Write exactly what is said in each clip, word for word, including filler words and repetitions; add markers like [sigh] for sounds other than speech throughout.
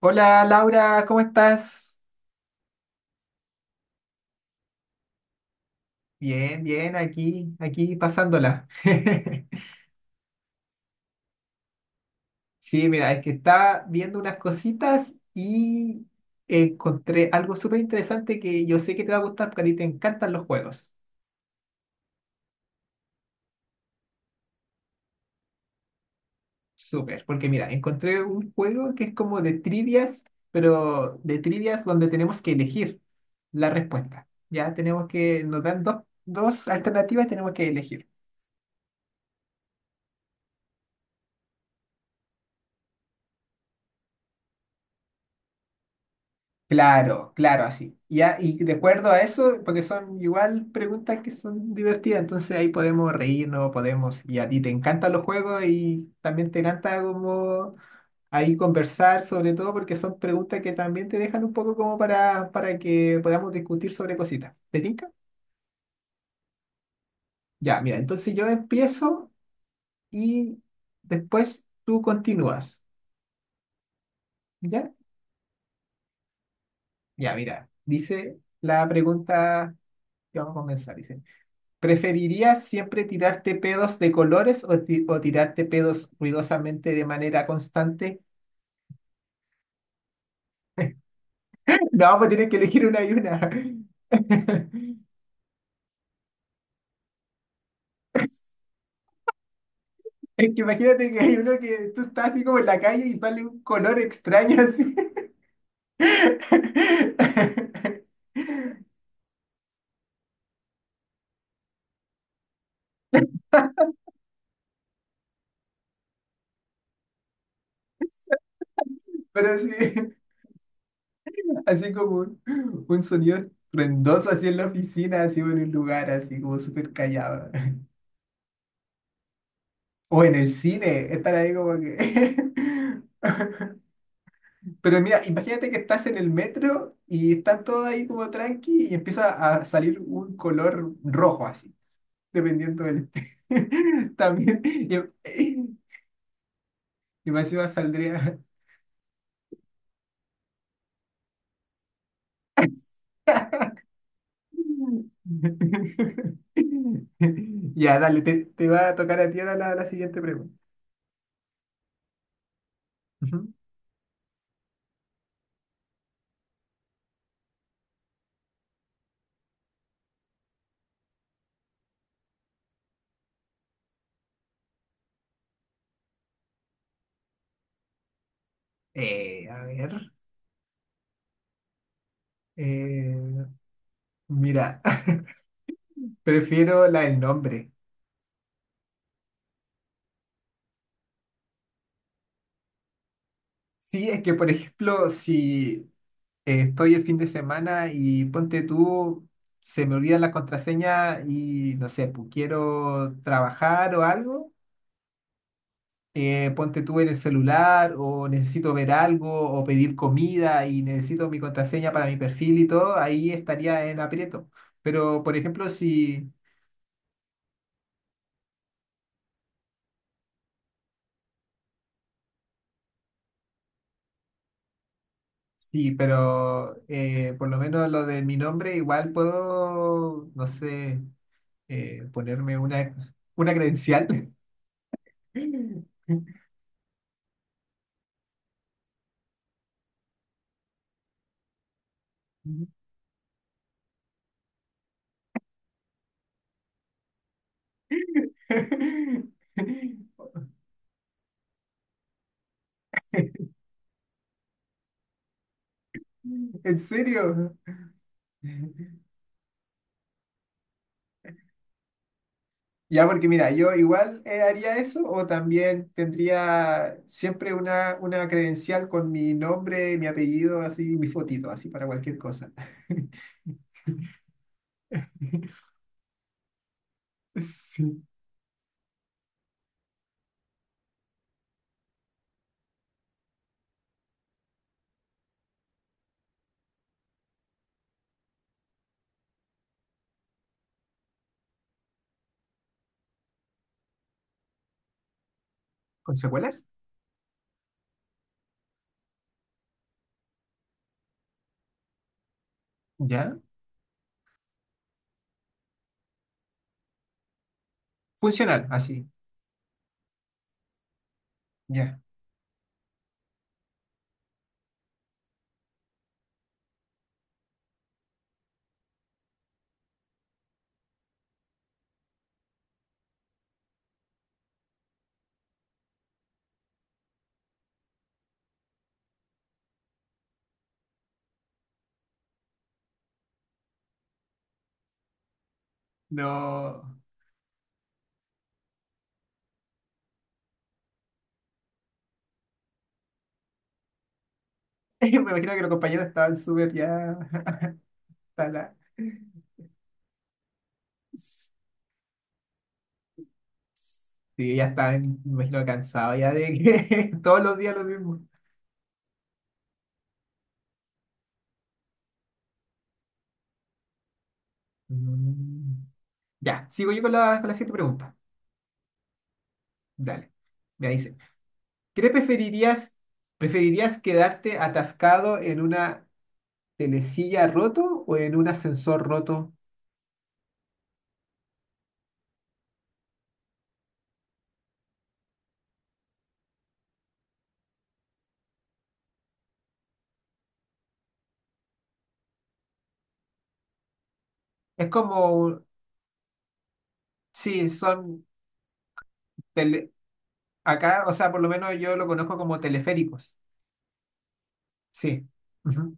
Hola Laura, ¿cómo estás? Bien, bien, aquí, aquí pasándola. [laughs] Sí, mira, es que estaba viendo unas cositas y encontré algo súper interesante que yo sé que te va a gustar porque a ti te encantan los juegos. Súper, porque mira, encontré un juego que es como de trivias, pero de trivias donde tenemos que elegir la respuesta. Ya tenemos que, nos dan dos, dos alternativas y tenemos que elegir. Claro, claro, así. Y, a- y de acuerdo a eso, porque son igual preguntas que son divertidas, entonces ahí podemos reírnos, podemos, y a ti te encantan los juegos y también te encanta como ahí conversar, sobre todo porque son preguntas que también te dejan un poco como para, para que podamos discutir sobre cositas. ¿Te tinca? Ya, mira, entonces yo empiezo y después tú continúas. ¿Ya? Ya, mira, dice la pregunta que vamos a comenzar. Dice. ¿Preferirías siempre tirarte pedos de colores o, ti- o tirarte pedos ruidosamente de manera constante? [laughs] No, pues tienes que elegir una y una. [laughs] Es que imagínate que hay uno que tú estás así como en la calle y sale un color extraño así. [laughs] Pero sí, así como un, un sonido estruendoso así en la oficina, así en un lugar así como súper callado. O en el cine, estar ahí como que... [laughs] Pero mira, imagínate que estás en el metro y están todos ahí como tranqui y empieza a salir un color rojo así, dependiendo del... [laughs] También, y, y más encima saldría... [laughs] Ya, dale, te, te va a tocar a ti ahora la, la siguiente pregunta. Ujú. Eh, a ver, eh, mira, [laughs] prefiero la del nombre. Sí, es que por ejemplo, si eh, estoy el fin de semana y ponte tú, se me olvida la contraseña y no sé, pues quiero trabajar o algo, eh, ponte tú en el celular o necesito ver algo o pedir comida y necesito mi contraseña para mi perfil y todo, ahí estaría en aprieto. Pero, por ejemplo, si... Sí, pero eh, por lo menos lo de mi nombre, igual puedo, no sé, eh, ponerme una, una credencial. [laughs] [laughs] ¿En serio? Ya, porque mira, yo igual eh, haría eso o también tendría siempre una, una credencial con mi nombre, mi apellido, así, mi fotito, así para cualquier cosa. [laughs] Sí. ¿Con secuelas? Ya. Funcional, así. Ya. No. [laughs] Me imagino que los compañeros estaban súper ya. hasta la- Sí, ya estaban, me imagino, cansados ya de que [laughs] todos los días lo mismo. Mm. Ya, sigo yo con la, con la siguiente pregunta. Dale. Ya dice, ¿qué preferirías, preferirías quedarte atascado en una telesilla roto o en un ascensor roto? Es como, un- sí, son tele- acá, o sea, por lo menos yo lo conozco como teleféricos. Sí. Ujú.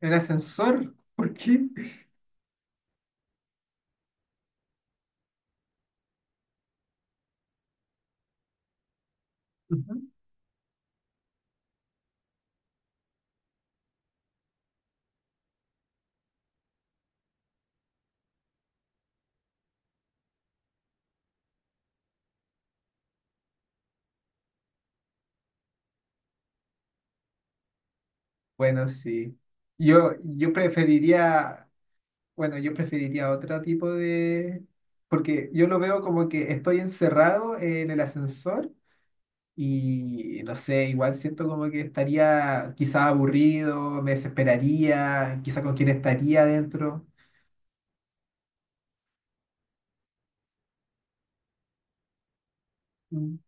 ¿En ascensor? ¿Por qué? Ujú. Bueno, sí. Yo, yo preferiría Bueno, yo preferiría otro tipo de... Porque yo lo veo como que estoy encerrado en el ascensor y no sé, igual siento como que estaría quizá aburrido, me desesperaría, quizá con quién estaría adentro. Mm.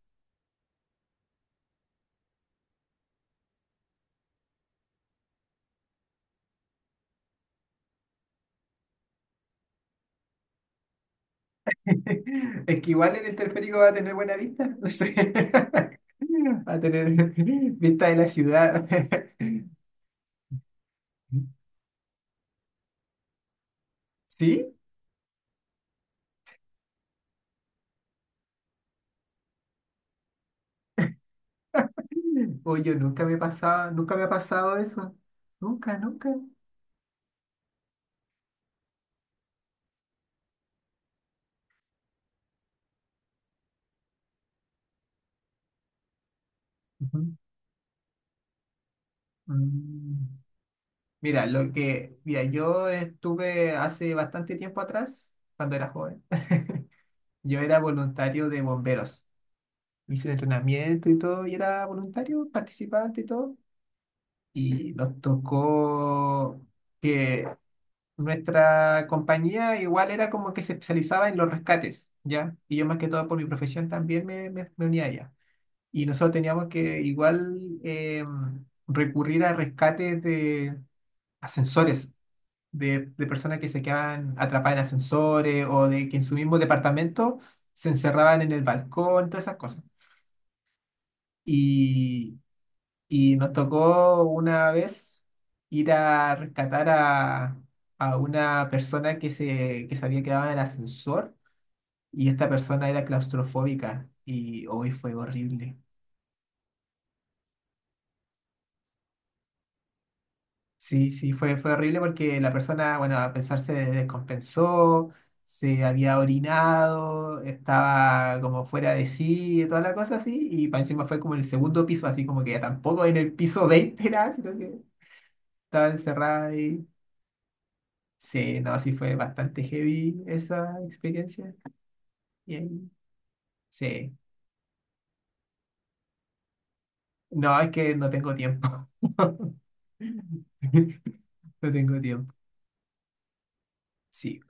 [laughs] Es que igual en el teleférico va a tener buena vista, no sé. [laughs] Va a tener [laughs] vista de la ciudad. [laughs] ¿Sí? O yo nunca me pasaba, nunca me ha pasado eso. Nunca, nunca. Ujú. Mm. Mira, lo que, mira, yo estuve hace bastante tiempo atrás, cuando era joven, yo era voluntario de bomberos. Hice el entrenamiento y todo, y era voluntario, participante y todo. Y nos tocó que nuestra compañía igual era como que se especializaba en los rescates, ¿ya? Y yo más que todo por mi profesión también me, me, me unía a ella. Y nosotros teníamos que igual em, recurrir a rescates de ascensores de, de personas que se quedaban atrapadas en ascensores o de que en su mismo departamento se encerraban en el balcón, todas esas cosas. Y, y nos tocó una vez ir a rescatar a, a una persona que se, que se había quedado en el ascensor y esta persona era claustrofóbica y hoy fue horrible. Sí, sí, fue, fue horrible porque la persona, bueno, a pesar se descompensó, se había orinado, estaba como fuera de sí, y toda la cosa así, y para encima fue como en el segundo piso, así como que ya tampoco en el piso veinte, era, sino que estaba encerrada ahí. Sí, no, sí fue bastante heavy esa experiencia. Y ahí, sí, no, es que no tengo tiempo. [laughs] No tengo tiempo. Sí.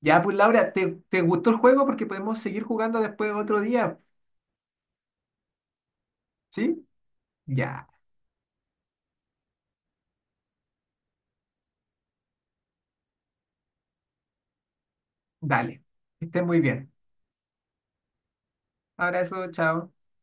Ya, pues Laura, ¿te, te gustó el juego? Porque podemos seguir jugando después otro día, ¿sí? Ya, dale. Que estés muy bien. Abrazo, chao.